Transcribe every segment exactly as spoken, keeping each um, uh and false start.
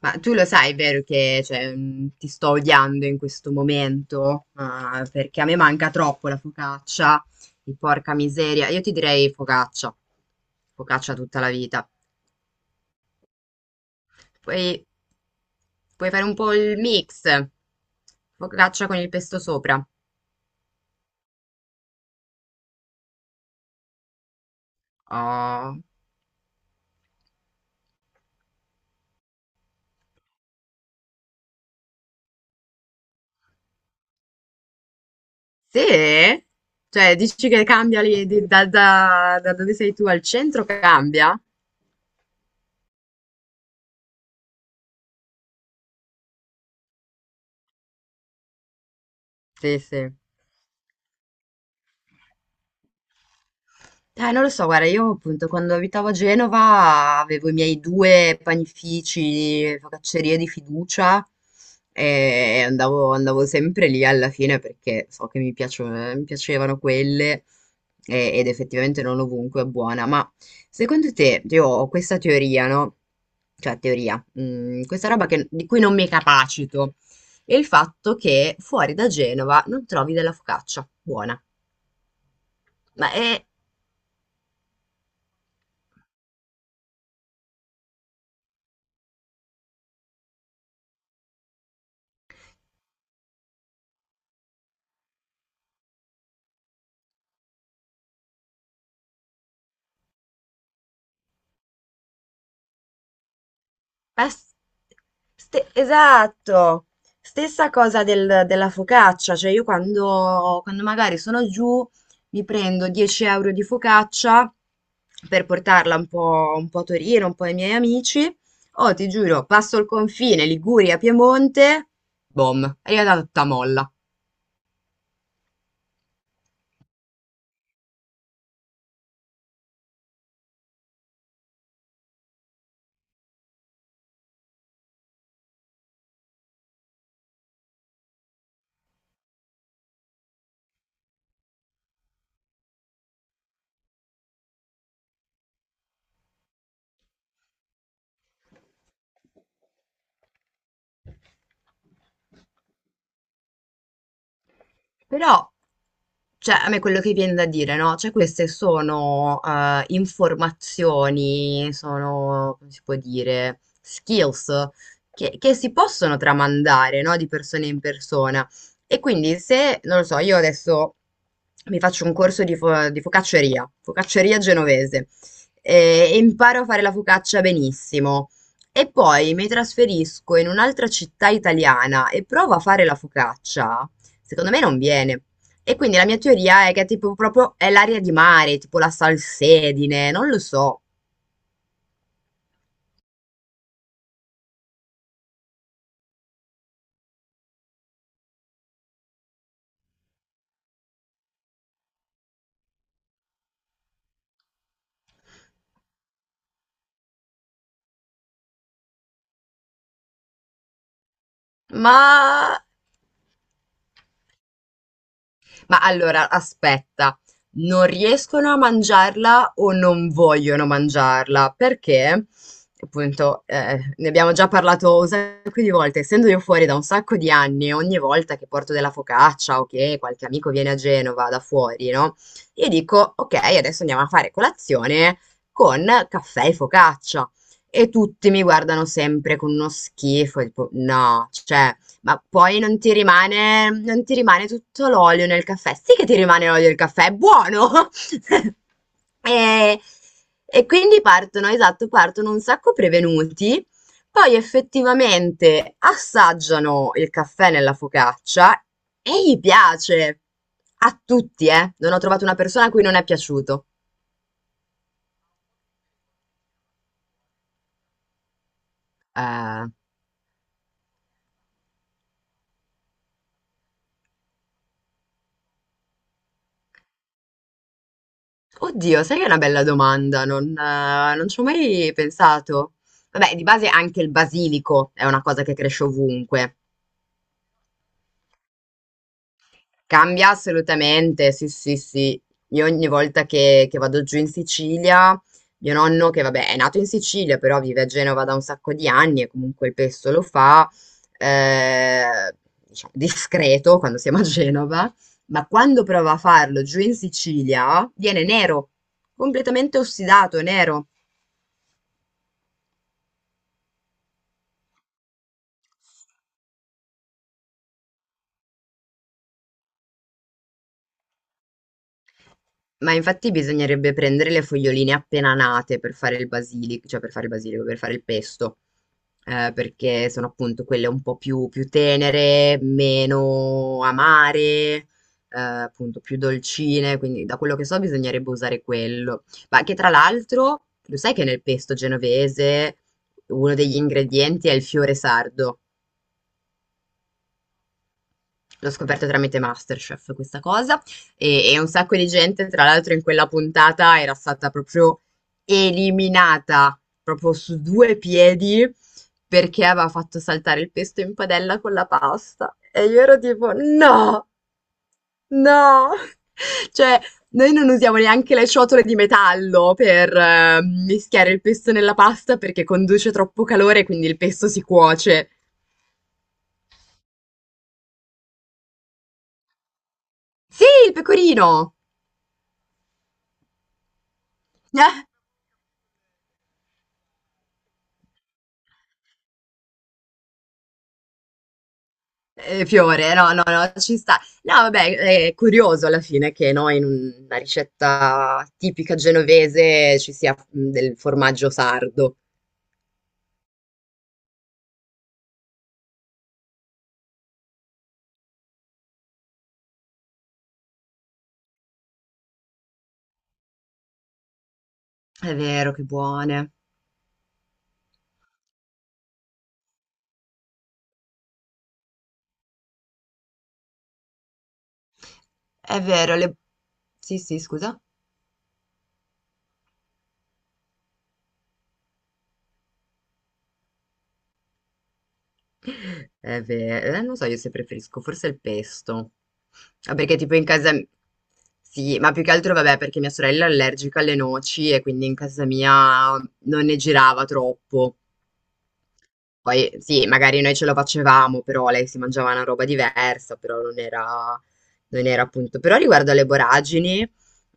Ma tu lo sai, vero, che cioè, mh, ti sto odiando in questo momento. Ah, perché a me manca troppo la focaccia, e porca miseria. Io ti direi focaccia, focaccia tutta la vita. Poi puoi fare un po' il mix, focaccia con il pesto sopra. Oh, sì? Cioè, dici che cambia lì, di- da, da- da dove sei tu al centro, cambia? Sì, sì. Eh, non lo so, guarda, io appunto quando abitavo a Genova avevo i miei due panifici, focaccerie di fiducia, e andavo, andavo sempre lì alla fine perché so che mi piacio- mi piacevano quelle, e- ed effettivamente non ovunque è buona. Ma secondo te, io ho questa teoria, no? Cioè teoria, mm, questa roba che- di cui non mi capacito, è il fatto che fuori da Genova non trovi della focaccia buona. Ma è Ma s- ste- Esatto, stessa cosa del- della focaccia, cioè io quando, quando magari sono giù mi prendo dieci euro di focaccia per portarla un po', un po' a Torino, un po' ai miei amici, oh ti giuro, passo il confine Liguria, Piemonte, boom, è arrivata tutta molla. Però, cioè, a me quello che viene da dire, no? Cioè, queste sono eh, informazioni, sono, come si può dire, skills che, che si possono tramandare, no? Di persona in persona. E quindi se, non lo so, io adesso mi faccio un corso di, fo- di focacceria, focacceria genovese, eh, e imparo a fare la focaccia benissimo. E poi mi trasferisco in un'altra città italiana e provo a fare la focaccia. Secondo me non viene. E quindi la mia teoria è che tipo proprio è l'aria di mare, tipo la salsedine, non lo so. Ma Ma allora, aspetta, non riescono a mangiarla o non vogliono mangiarla? Perché, appunto, eh, ne abbiamo già parlato un sacco di volte, essendo io fuori da un sacco di anni, ogni volta che porto della focaccia o che qualche amico viene a Genova da fuori, no? Io dico, ok, adesso andiamo a fare colazione con caffè e focaccia. E tutti mi guardano sempre con uno schifo, tipo, no, cioè... Ma poi non ti rimane, non ti rimane tutto l'olio nel caffè. Sì che ti rimane l'olio del caffè, è buono! E, e quindi partono, esatto, partono un sacco prevenuti, poi effettivamente assaggiano il caffè nella focaccia e gli piace. A tutti, eh. Non ho trovato una persona a cui non è piaciuto. Eh, Oddio, sai che è una bella domanda, non, eh, non ci ho mai pensato. Vabbè, di base anche il basilico è una cosa che cresce ovunque. Cambia assolutamente, sì, sì, sì. Io ogni volta che, che vado giù in Sicilia, mio nonno, che vabbè è nato in Sicilia, però vive a Genova da un sacco di anni e comunque il pesto lo fa, eh, diciamo, discreto quando siamo a Genova, ma quando prova a farlo giù in Sicilia viene nero, completamente ossidato, nero. Ma infatti bisognerebbe prendere le foglioline appena nate per fare il basilico, cioè per fare il basilico, per fare il pesto, eh, perché sono appunto quelle un po' più, più tenere, meno amare, eh, appunto più dolcine, quindi da quello che so bisognerebbe usare quello. Ma che tra l'altro, lo sai che nel pesto genovese uno degli ingredienti è il fiore sardo? L'ho scoperto tramite MasterChef questa cosa, e e un sacco di gente, tra l'altro in quella puntata era stata proprio eliminata, proprio su due piedi, perché aveva fatto saltare il pesto in padella con la pasta. E io ero tipo: "No, no!" Cioè, noi non usiamo neanche le ciotole di metallo per, ehm, mischiare il pesto nella pasta perché conduce troppo calore, quindi il pesto si cuoce. Sì, il pecorino! Ehm, fiore, no, no, no, ci sta. No, vabbè, è curioso alla fine che, no, in una ricetta tipica genovese ci sia, mhmm, del formaggio sardo. È vero, che buone. È vero, le sì, sì, scusa? È ve eh, non so io se preferisco, forse il pesto. Ah, perché tipo in casa m sì, ma più che altro vabbè perché mia sorella è allergica alle noci e quindi in casa mia non ne girava troppo. Poi sì, magari noi ce lo facevamo, però lei si mangiava una roba diversa, però non era, non era appunto. Però riguardo alle boragini,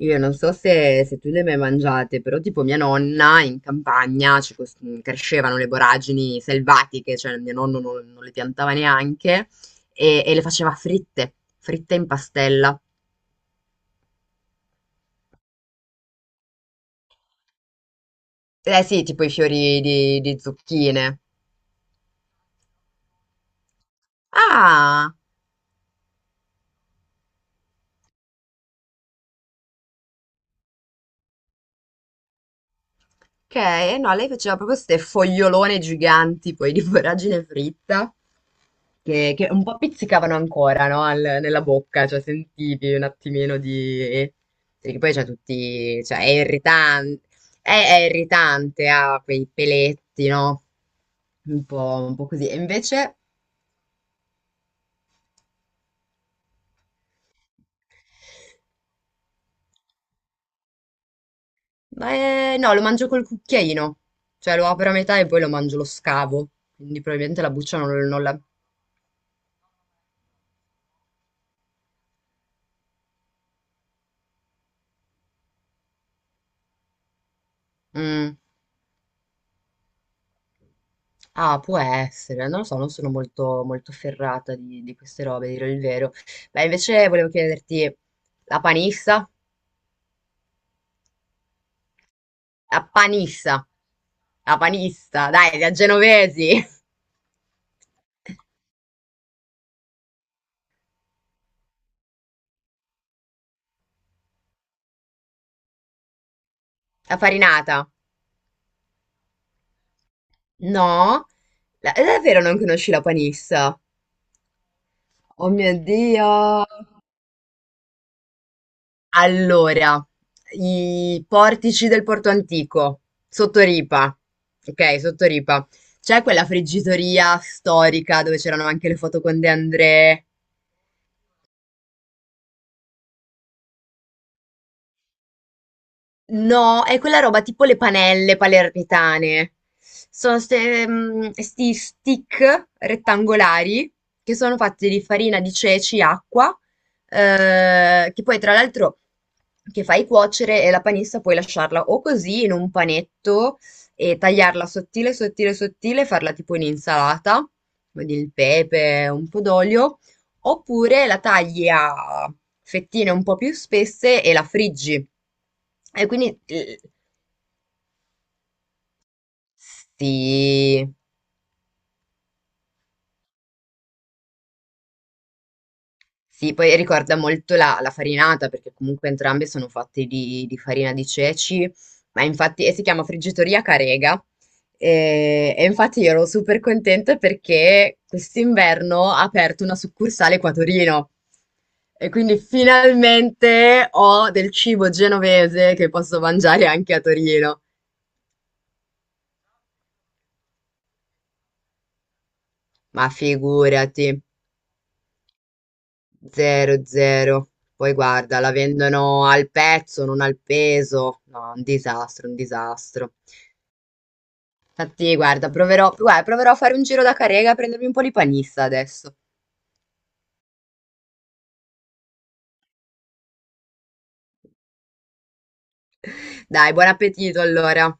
io non so se, se tu le hai mai mangiate, però tipo mia nonna in campagna ci cos- crescevano le boragini selvatiche, cioè mio nonno non, non le piantava neanche, e, e le faceva fritte, fritte in pastella. Eh sì, tipo i fiori di, di zucchine. Ah! Ok, no, lei faceva proprio queste fogliolone giganti, poi di voragine fritta, che, che un po' pizzicavano ancora, no? Al- nella bocca, cioè sentivi un attimino di... Perché poi c'è tutti... cioè è irritante, è, è irritante, ha quei peletti, no? Un po', un po' così. E invece... Beh, no, lo mangio col cucchiaino, cioè lo apro a metà e poi lo mangio, lo scavo, quindi probabilmente la buccia non, non la... Mm. Ah, può essere, non lo so, non sono molto, molto ferrata di, di queste robe, a dire il vero. Beh, invece volevo chiederti, la panissa? La panissa, la panista, dai, la genovesi, la farinata. No? La- è davvero non conosci la panissa? Oh mio Dio! Allora, i portici del Porto Antico, sotto Ripa, ok, sotto Ripa, c'è quella friggitoria storica dove c'erano anche le foto con De André. No, è quella roba tipo le panelle palermitane. Sono questi stick rettangolari che sono fatti di farina di ceci, acqua, eh, che poi tra l'altro che fai cuocere, e la panissa puoi lasciarla o così in un panetto e tagliarla sottile, sottile, sottile, farla tipo in insalata, con il pepe, un po' d'olio. Oppure la tagli a fettine un po' più spesse e la friggi. E quindi il Sì, sì, poi ricorda molto la, la farinata, perché comunque entrambe sono fatte di, di farina di ceci, ma infatti e si chiama Friggitoria Carega. E, e infatti io ero super contenta perché quest'inverno ha aperto una succursale qua a Torino. E quindi finalmente ho del cibo genovese che posso mangiare anche a Torino. Ma figurati, zero zero. Poi guarda, la vendono al pezzo, non al peso. No, un disastro, un disastro. Infatti, guarda, proverò, guarda, proverò a fare un giro da Carrega a prendermi un po' di panissa adesso. Dai, buon appetito allora.